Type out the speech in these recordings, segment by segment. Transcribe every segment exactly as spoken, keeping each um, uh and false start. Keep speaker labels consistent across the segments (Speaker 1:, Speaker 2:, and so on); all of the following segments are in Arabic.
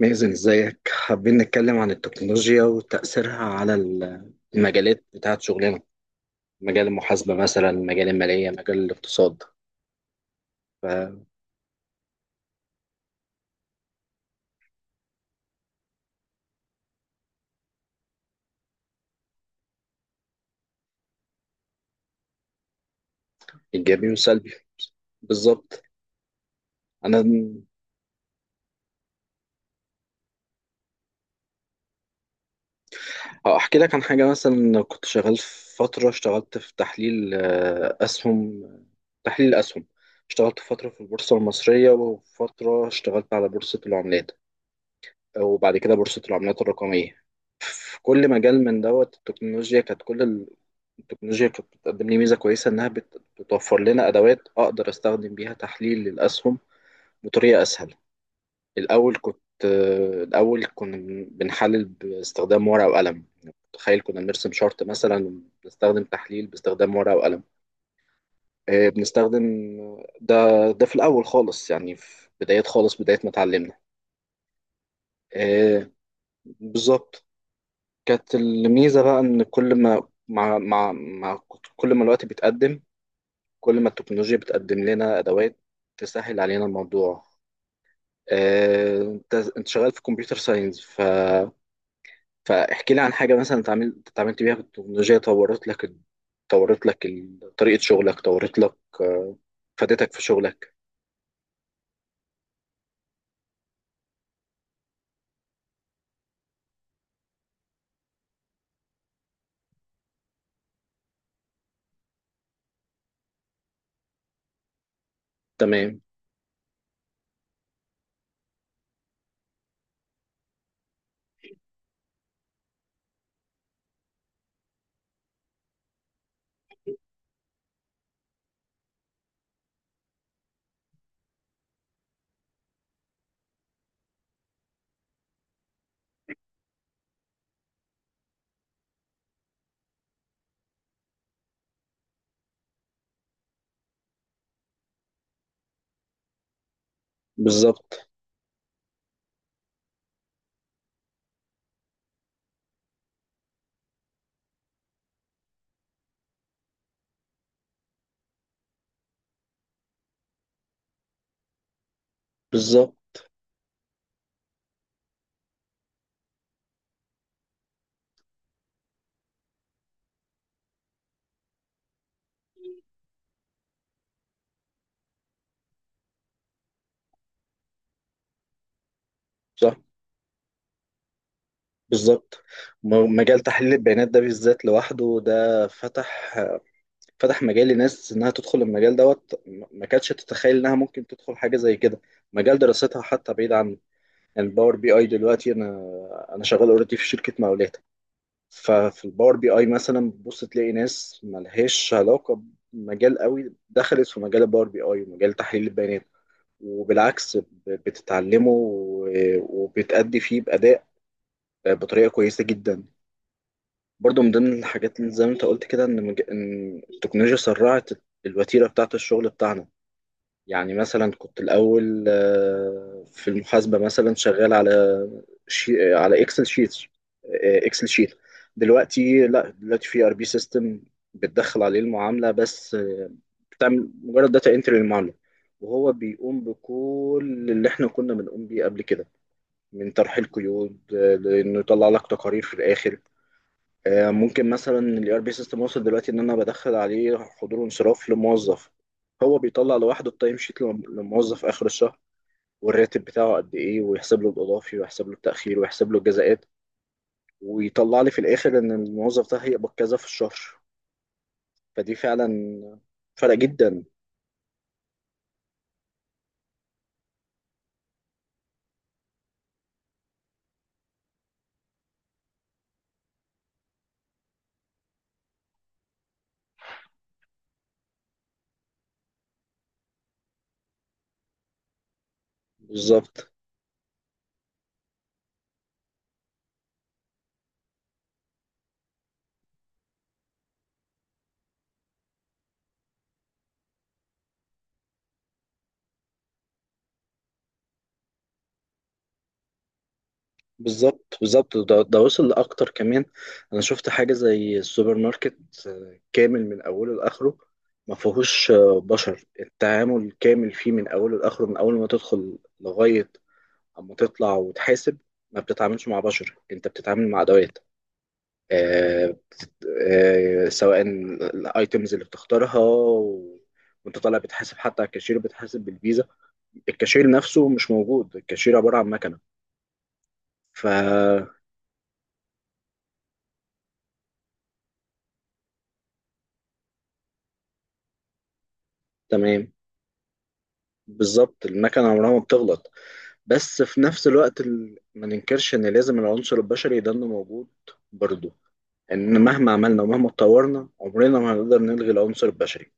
Speaker 1: مازن، ازيك؟ حابين نتكلم عن التكنولوجيا وتأثيرها على ال- المجالات بتاعت شغلنا. مجال المحاسبة مثلا، مجال المالية مجال الاقتصاد. فإيجابي وسلبي. بالظبط. أنا اه، أحكي لك عن حاجة مثلا. كنت شغال في فترة، اشتغلت في تحليل آه، أسهم. تحليل أسهم. اشتغلت فترة في البورصة المصرية وفترة اشتغلت على بورصة العملات وبعد كده بورصة العملات الرقمية. في كل مجال من دوت التكنولوجيا كانت كل ال- التكنولوجيا كانت بتقدم لي ميزة كويسة، إنها بت- بتوفر لنا أدوات أقدر أستخدم بيها تحليل للأسهم بطريقة أسهل. الأول كنت آه، الأول كنا بنحلل باستخدام ورقة وقلم. تخيل كنا بنرسم شارت مثلا، بنستخدم تحليل باستخدام ورقة وقلم. آه، بنستخدم ده ده في الأول خالص، يعني في بدايات خالص، بداية ما اتعلمنا. آه، بالظبط. كانت الميزة بقى إن كل ما مع مع مع كل ما الوقت بيتقدم، كل ما التكنولوجيا بتقدم لنا أدوات تسهل علينا الموضوع. آه، أنت أنت شغال في كمبيوتر ساينس. ف فاحكي لي عن حاجة مثلا اتعاملت اتعاملت بيها في التكنولوجيا، طورت لك طورت لك ال- طريقة شغلك، طورت لك آه، فادتك في شغلك. تمام. بالظبط. بالظبط. صح. بالظبط. م- مجال تحليل البيانات ده بالذات لوحده، ده فتح فتح مجال لناس انها تدخل المجال دوت، م- ما كانتش تتخيل انها ممكن تدخل حاجه زي كده. مجال دراستها حتى بعيد عن، يعني. الباور بي اي دلوقتي انا انا شغال اوريدي في شركه مقاولات. ففي الباور بي اي مثلا بتبص تلاقي ناس ملهاش علاقه بمجال قوي دخلت في مجال الباور بي اي ومجال تحليل البيانات، وبالعكس ب- بتتعلمه و- وبتأدي فيه بأداء، بطريقة كويسة جدا. برضو من ضمن الحاجات اللي زي ما انت قلت كده ان مج... ان التكنولوجيا سرعت الوتيره بتاعت الشغل بتاعنا. يعني مثلا كنت الاول، آه، في المحاسبه مثلا شغال على شي... على اكسل شيت. اكسل شيت. دلوقتي لا، دلوقتي في ار بي سيستم. بتدخل عليه المعامله بس، آه، بتعمل مجرد داتا انتري للمعامله، وهو بيقوم بكل اللي احنا كنا بنقوم بيه قبل كده من طرح القيود. آه، لانه يطلع لك تقارير في الاخر. آه، ممكن مثلا الاي ار بي سيستم وصل دلوقتي ان انا بدخل عليه حضور وانصراف لموظف، هو بيطلع لوحده التايم شيت لم- للموظف اخر الشهر، والراتب بتاعه قد ايه، ويحسب له الاضافي ويحسب له التاخير ويحسب له الجزاءات، ويطلع لي في الاخر ان الموظف ده هيقبض كذا في الشهر. فدي فعلا فرق جدا. بالظبط. بالظبط. بالظبط ده, ده وصل لأكتر كمان. أنا شفت حاجة زي السوبر ماركت، آه، كامل من أوله لآخره. ما فيهوش آه، بشر، التعامل كامل فيه من أوله لآخره، من أول ما تدخل لغاية أما تطلع وتحاسب، ما بتتعاملش مع بشر. أنت بتتعامل مع أدوات، آه، آه، سواء الأيتمز اللي بتختارها و- وأنت طالع بتحاسب، حتى على الكاشير بتحاسب بالفيزا. الكاشير نفسه مش موجود، الكاشير عبارة عن مكنة. ف تمام. بالظبط، المكنة عمرها ما بتغلط. بس في نفس الوقت ال- ما ننكرش ان لازم العنصر البشري ده إنه موجود برضه. يعني ان مهما عملنا ومهما اتطورنا عمرنا ما هنقدر نلغي العنصر البشري.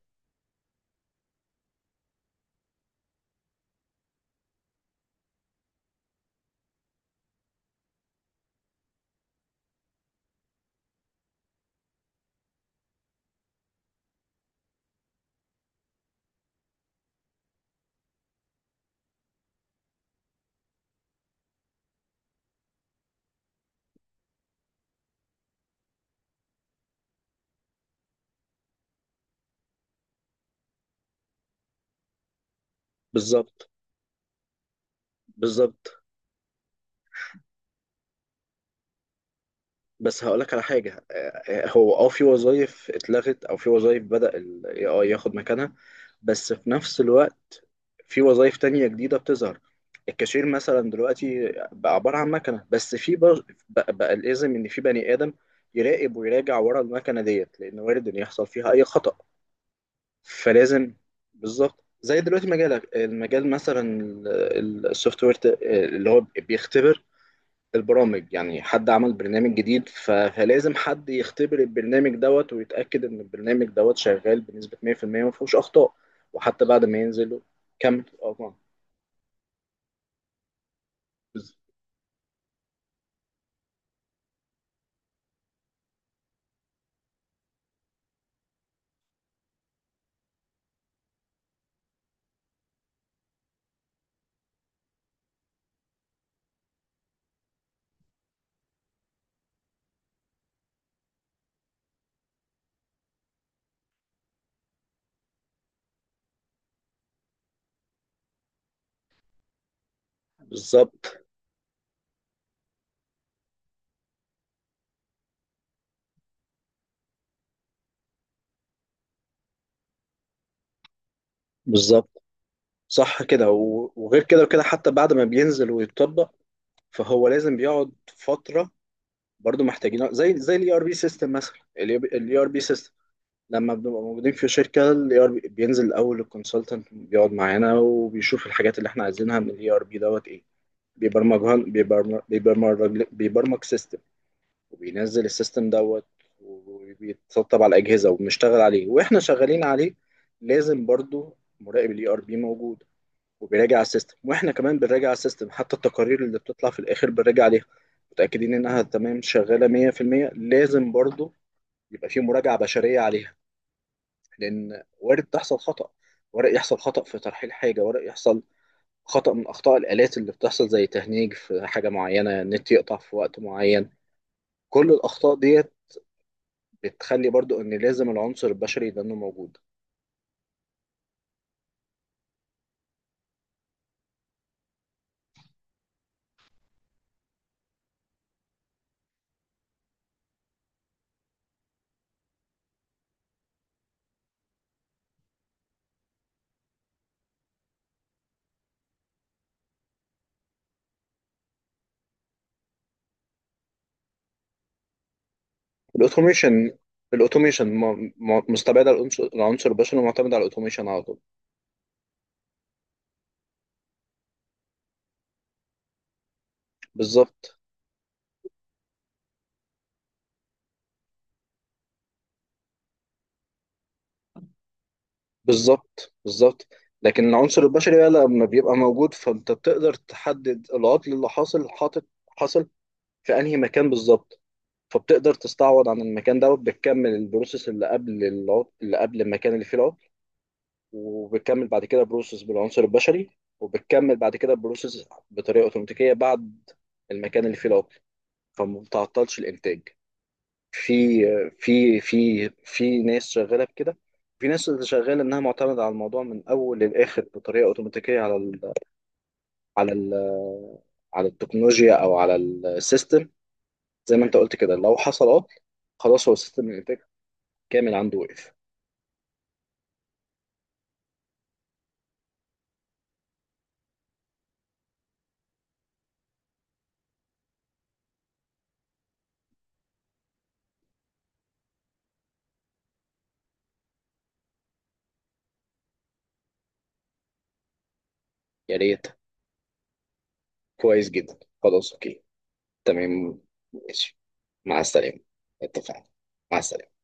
Speaker 1: بالظبط. بالظبط. بس هقولك على حاجة، آه، هو اه، في وظائف اتلغت او في وظائف بدأ ال إيه آي ياخد مكانها. بس في نفس الوقت في وظائف تانية جديدة بتظهر. الكاشير مثلا دلوقتي بقى عبارة عن مكنة، بس في بر- بقى, بقى الإذن إن في بني آدم يراقب ويراجع ورا المكنة ديت، لأن وارد إن يحصل فيها أي خطأ، فلازم. بالظبط، زي دلوقتي مجالك، المجال مثلا السوفت وير اللي هو بيختبر البرامج، يعني حد عمل برنامج جديد، ف- فلازم حد يختبر البرنامج دوت ويتأكد إن البرنامج دوت شغال بنسبة مئة في المئة وما فيهوش أخطاء، وحتى بعد ما ينزل. كمل، اه طبعا. بز- بالظبط. بالظبط. صح كده، و- وغير كده وكده حتى بعد ما بينزل ويتطبق، فهو لازم بيقعد فترة. برضو محتاجين زي زي الاي ار بي سيستم مثلا. الاي ار بي سيستم لما بنبقى موجودين في شركة الاي ار بي بينزل الاول الكونسلتنت، بيقعد معانا وبيشوف الحاجات اللي احنا عايزينها من الاي ار بي دوت ايه، بيبرمجها، بيبرمج بيبرمج بيبرمج سيستم وبينزل السيستم دوت وبيتسطب على الاجهزه وبنشتغل عليه. واحنا شغالين عليه لازم برضو مراقب الاي ار بي موجود، وبيراجع السيستم، واحنا كمان بنراجع السيستم، حتى التقارير اللي بتطلع في الاخر بنراجع عليها متاكدين انها تمام شغاله مئة في المئة. لازم برضو يبقى في مراجعه بشريه عليها، لان وارد تحصل خطأ. ورق يحصل خطأ في ترحيل حاجة، ورق يحصل خطأ من أخطاء الآلات اللي بتحصل زي تهنيج في حاجة معينة، النت يقطع في وقت معين. كل الأخطاء ديت بتخلي برضو إن لازم العنصر البشري ده إنه موجود. الأوتوميشن، الأوتوميشن م- م- مستبعدة العنصر العنصر البشري ومعتمدة على الأوتوميشن على طول. بالظبط. بالظبط. بالظبط، لكن العنصر البشري بقى لما بيبقى موجود فأنت بتقدر تحدد العطل اللي حاصل، حاطط حاصل في أنهي مكان بالظبط، فبتقدر تستعوض عن المكان دوت، بتكمل البروسيس اللي قبل العطل، اللي قبل المكان اللي فيه العطل، وبتكمل بعد كده بروسس بالعنصر البشري، وبتكمل بعد كده بروسس بطريقه اوتوماتيكيه بعد المكان اللي فيه العطل، فما بتعطلش الانتاج. في في في في ناس شغاله بكده، في ناس اللي شغاله انها معتمده على الموضوع من اول للاخر بطريقه اوتوماتيكيه على ال على ال على التكنولوجيا او على السيستم. زي ما انت قلت كده، لو حصل عطل خلاص، هو السيستم الانتاج كامل عنده وقف. يا ريت، كويس جدا، خلاص اوكي. تمام. ماشي. مع السلامة. اتفقنا. مع السلامة.